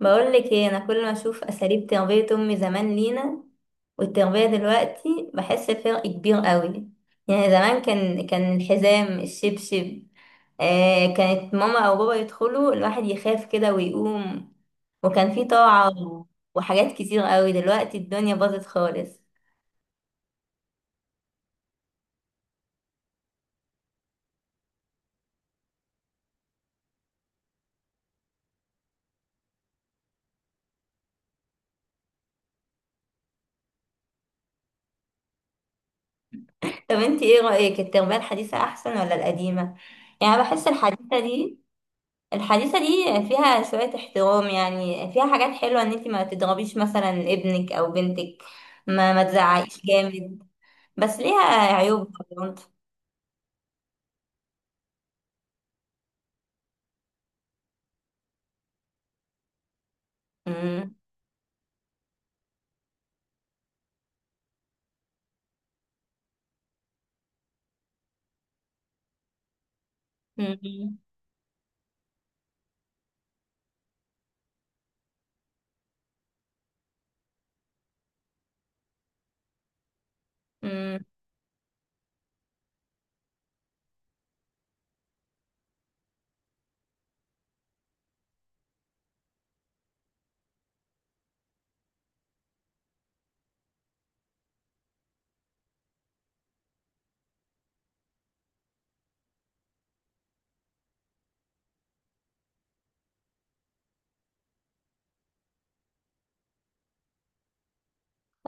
بقول لك ايه، انا كل ما اشوف اساليب تربيه امي زمان لينا والتربيه دلوقتي بحس بفرق كبير قوي. يعني زمان كان الحزام الشبشب. آه، كانت ماما او بابا يدخلوا الواحد يخاف كده ويقوم، وكان في طاعه وحاجات كتير قوي. دلوقتي الدنيا باظت خالص. طب انت ايه رايك، التربيه الحديثه احسن ولا القديمه؟ يعني بحس الحديثه دي الحديثة دي فيها شوية احترام، يعني فيها حاجات حلوة، ان انتي ما تضربيش مثلا ابنك او بنتك، ما تزعقيش جامد، بس ليها عيوب برضه. مم. مم. مم.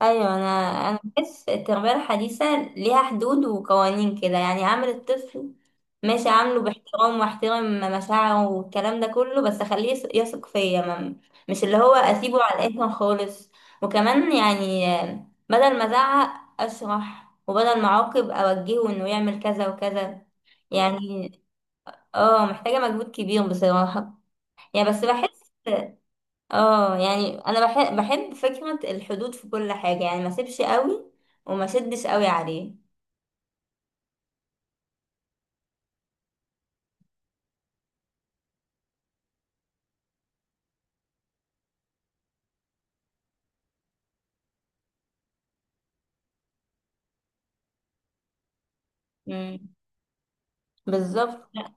ايوه، انا بحس التربيه الحديثه ليها حدود وقوانين كده، يعني عامل الطفل ماشي، عامله باحترام واحترم مشاعره والكلام ده كله، بس اخليه يثق فيا، مش اللي هو اسيبه على الاخر خالص. وكمان يعني، بدل ما ازعق اشرح، وبدل ما اعاقب اوجهه انه يعمل كذا وكذا. يعني اه محتاجه مجهود كبير بصراحه. يعني بس بحس، اه يعني انا بحب فكرة الحدود في كل حاجة، يعني ما سيبش قوي وما شدش قوي عليه. امم بالظبط. لا،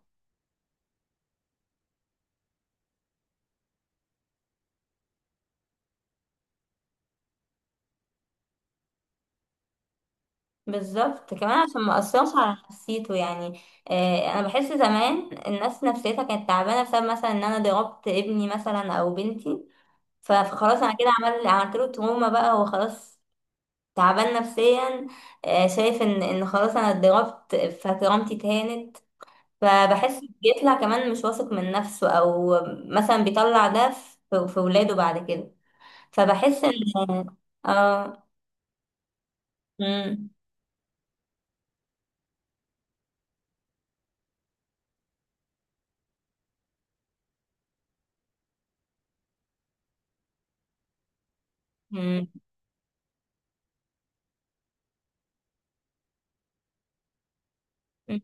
بالظبط، كمان عشان ما اثرش على نفسيته يعني. آه، انا بحس زمان الناس نفسيتها كانت تعبانة بسبب مثلا ان انا ضربت ابني مثلا او بنتي، فخلاص انا كده عملت له تروما، بقى هو خلاص تعبان نفسيا. آه، شايف ان خلاص انا اتضربت فكرامتي اتهانت، فبحس بيطلع كمان مش واثق من نفسه، او مثلا بيطلع ده في ولاده بعد كده. فبحس ان اه مم، مم، مم،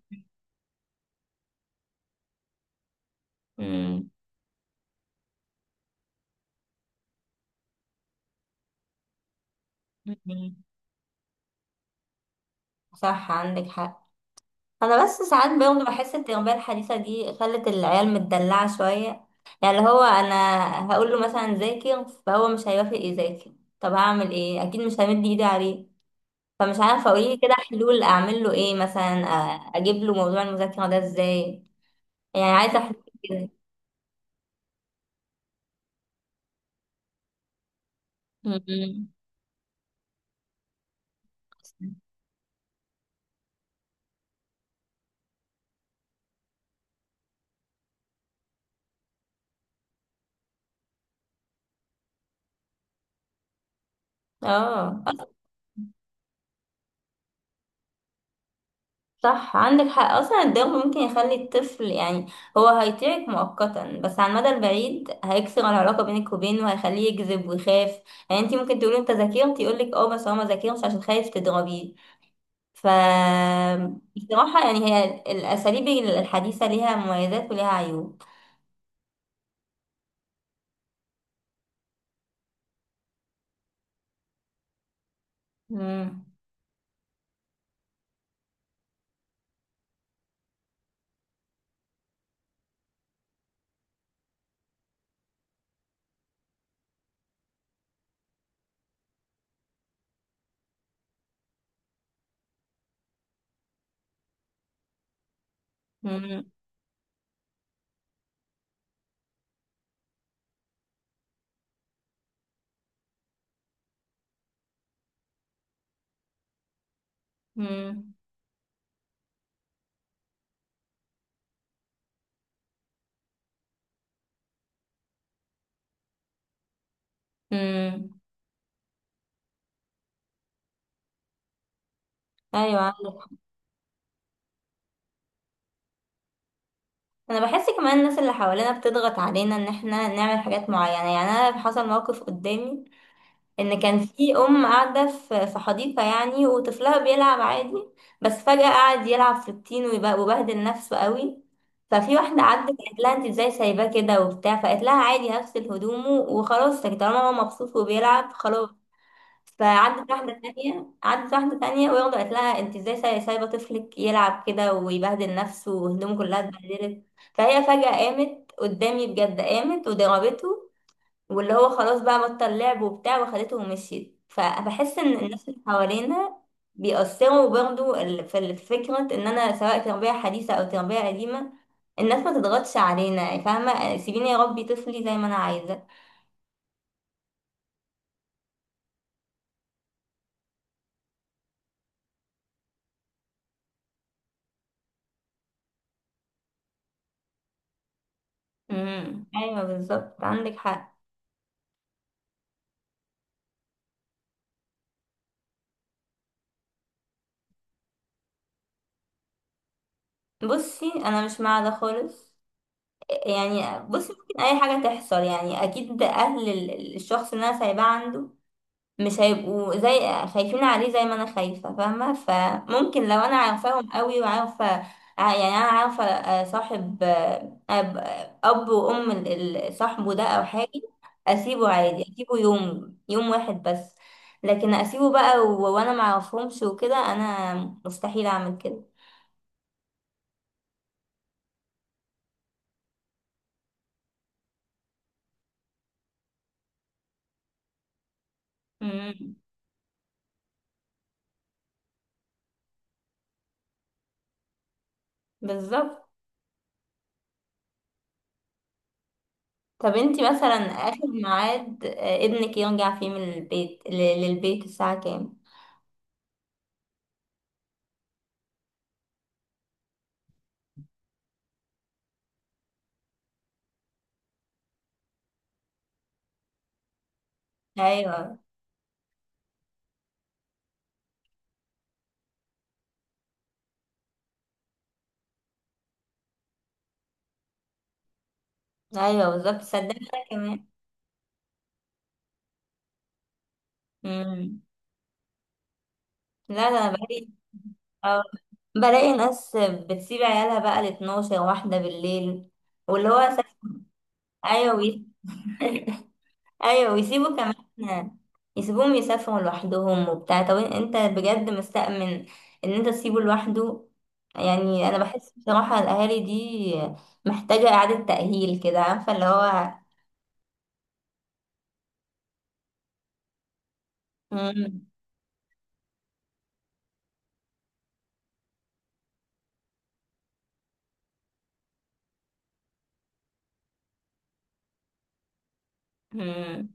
مم، مم. صح، عندك حق. انا بس ساعات برضه بحس ان التربيه الحديثه دي خلت العيال متدلعه شويه. يعني اللي هو انا هقول له مثلا ذاكر، فهو مش هيوافق يذاكر. طب هعمل ايه؟ اكيد مش همد ايدي عليه. فمش عارفه، اقولي كده حلول اعمل له ايه مثلا، اجيب له موضوع المذاكره ده ازاي. يعني عايزة أحس كده. م-م. اه صح، عندك حق، اصلا الضغط ممكن يخلي الطفل يعني، هو هيطيعك مؤقتا بس على المدى البعيد هيكسر العلاقه بينك وبينه وهيخليه يكذب ويخاف. يعني انت ممكن تقولي انت ذاكرت، يقول لك اه، بس هو ما ذاكرش عشان خايف تضربيه. ف بصراحه يعني هي الاساليب الحديثه ليها مميزات وليها عيوب. امم، امم، امم، ايوه. انا بحس كمان الناس اللي حوالينا بتضغط علينا ان احنا نعمل حاجات معينه. يعني انا حصل موقف قدامي، ان كان في ام قاعده في حديقه يعني وطفلها بيلعب عادي، بس فجاه قعد يلعب في الطين وبهدل نفسه قوي. ففي واحده عدت قالت لها انت ازاي سايباه كده وبتاع، فقالت لها عادي هغسل هدومه وخلاص، طالما هو مبسوط وبيلعب خلاص. فعدت واحدة تانية عدت واحدة تانية وياخدة قالت لها انت ازاي سايبة طفلك يلعب كده ويبهدل نفسه وهدومه كلها اتبهدلت. فهي فجأة قامت قدامي، بجد قامت وضربته، واللي هو خلاص بقى بطل لعب وبتاع وخدته ومشيت. فبحس ان الناس اللي حوالينا بيأثروا برضه، في فكرة ان انا سواء تربية حديثة او تربية قديمة الناس ما تضغطش علينا، يعني فاهمة، سيبيني اربي طفلي زي ما انا عايزة. امم، ايوه، بالظبط، عندك حق. بصي انا مش مع ده خالص. يعني بصي ممكن اي حاجه تحصل، يعني اكيد اهل الشخص اللي انا سايباه عنده مش هيبقوا زي، خايفين عليه زي ما انا خايفه، فاهمه؟ فممكن لو انا عارفاهم قوي وعارفه، يعني انا عارفه، صاحب، أب وام صاحبه ده او حاجه، اسيبه عادي، اسيبه يوم يوم واحد بس. لكن اسيبه بقى وانا معرفهمش وكده، انا مستحيل اعمل كده. مم. بالظبط. طب انتي مثلا اخر ميعاد ابنك يرجع فيه من البيت للبيت الساعة كام؟ ايوه، ايوه بالظبط، صدقني انا كمان. امم. لا، ده انا بلاقي، اه بلاقي ناس بتسيب عيالها بقى ل 12 واحدة بالليل، واللي هو ايوه، ايوه، ويسيبوا كمان يسيبوهم يسافروا لوحدهم وبتاع. طب انت بجد مستأمن ان انت تسيبه لوحده؟ يعني انا بحس بصراحة الاهالي دي محتاجة اعادة تأهيل كده، عارفة اللي هو. مم. مم.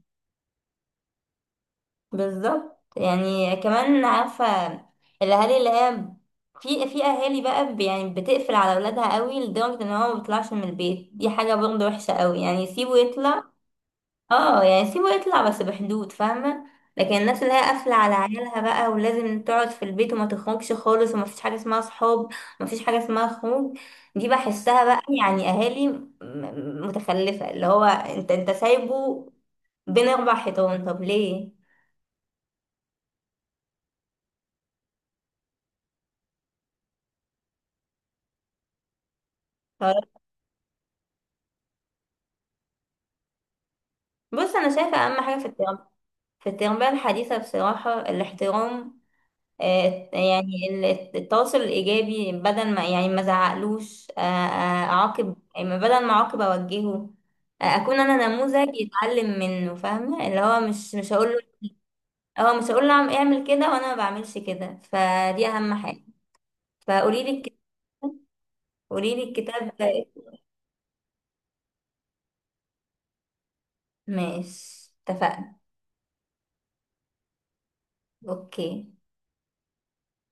بالظبط. يعني كمان عارفة الاهالي اللي هي، في اهالي بقى، يعني بتقفل على اولادها قوي لدرجة ان هو ما بيطلعش من البيت، دي حاجة برضه وحشة قوي، يعني يسيبه يطلع. اه يعني سيبه يطلع بس بحدود، فاهمة؟ لكن الناس اللي هي قافلة على عيالها بقى، ولازم تقعد في البيت وما تخرجش خالص، وما فيش حاجة اسمها صحاب وما فيش حاجة اسمها خروج، دي بحسها بقى يعني اهالي متخلفة، اللي هو انت سايبه بين 4 حيطان، طب ليه؟ طب بص، انا شايفة اهم حاجة في التربية، في التربية الحديثة بصراحة الاحترام. يعني التواصل الإيجابي، بدل ما يعني ما زعقلوش، أعاقب، يعني بدل ما أعاقب أوجهه. أكون أنا نموذج يتعلم منه، فاهمة؟ اللي هو مش هقول له اعمل كده وأنا ما بعملش كده، فدي أهم حاجة. فقولي لي قولي لي الكتاب ده إيه؟ ماشي، اتفقنا. أوكي.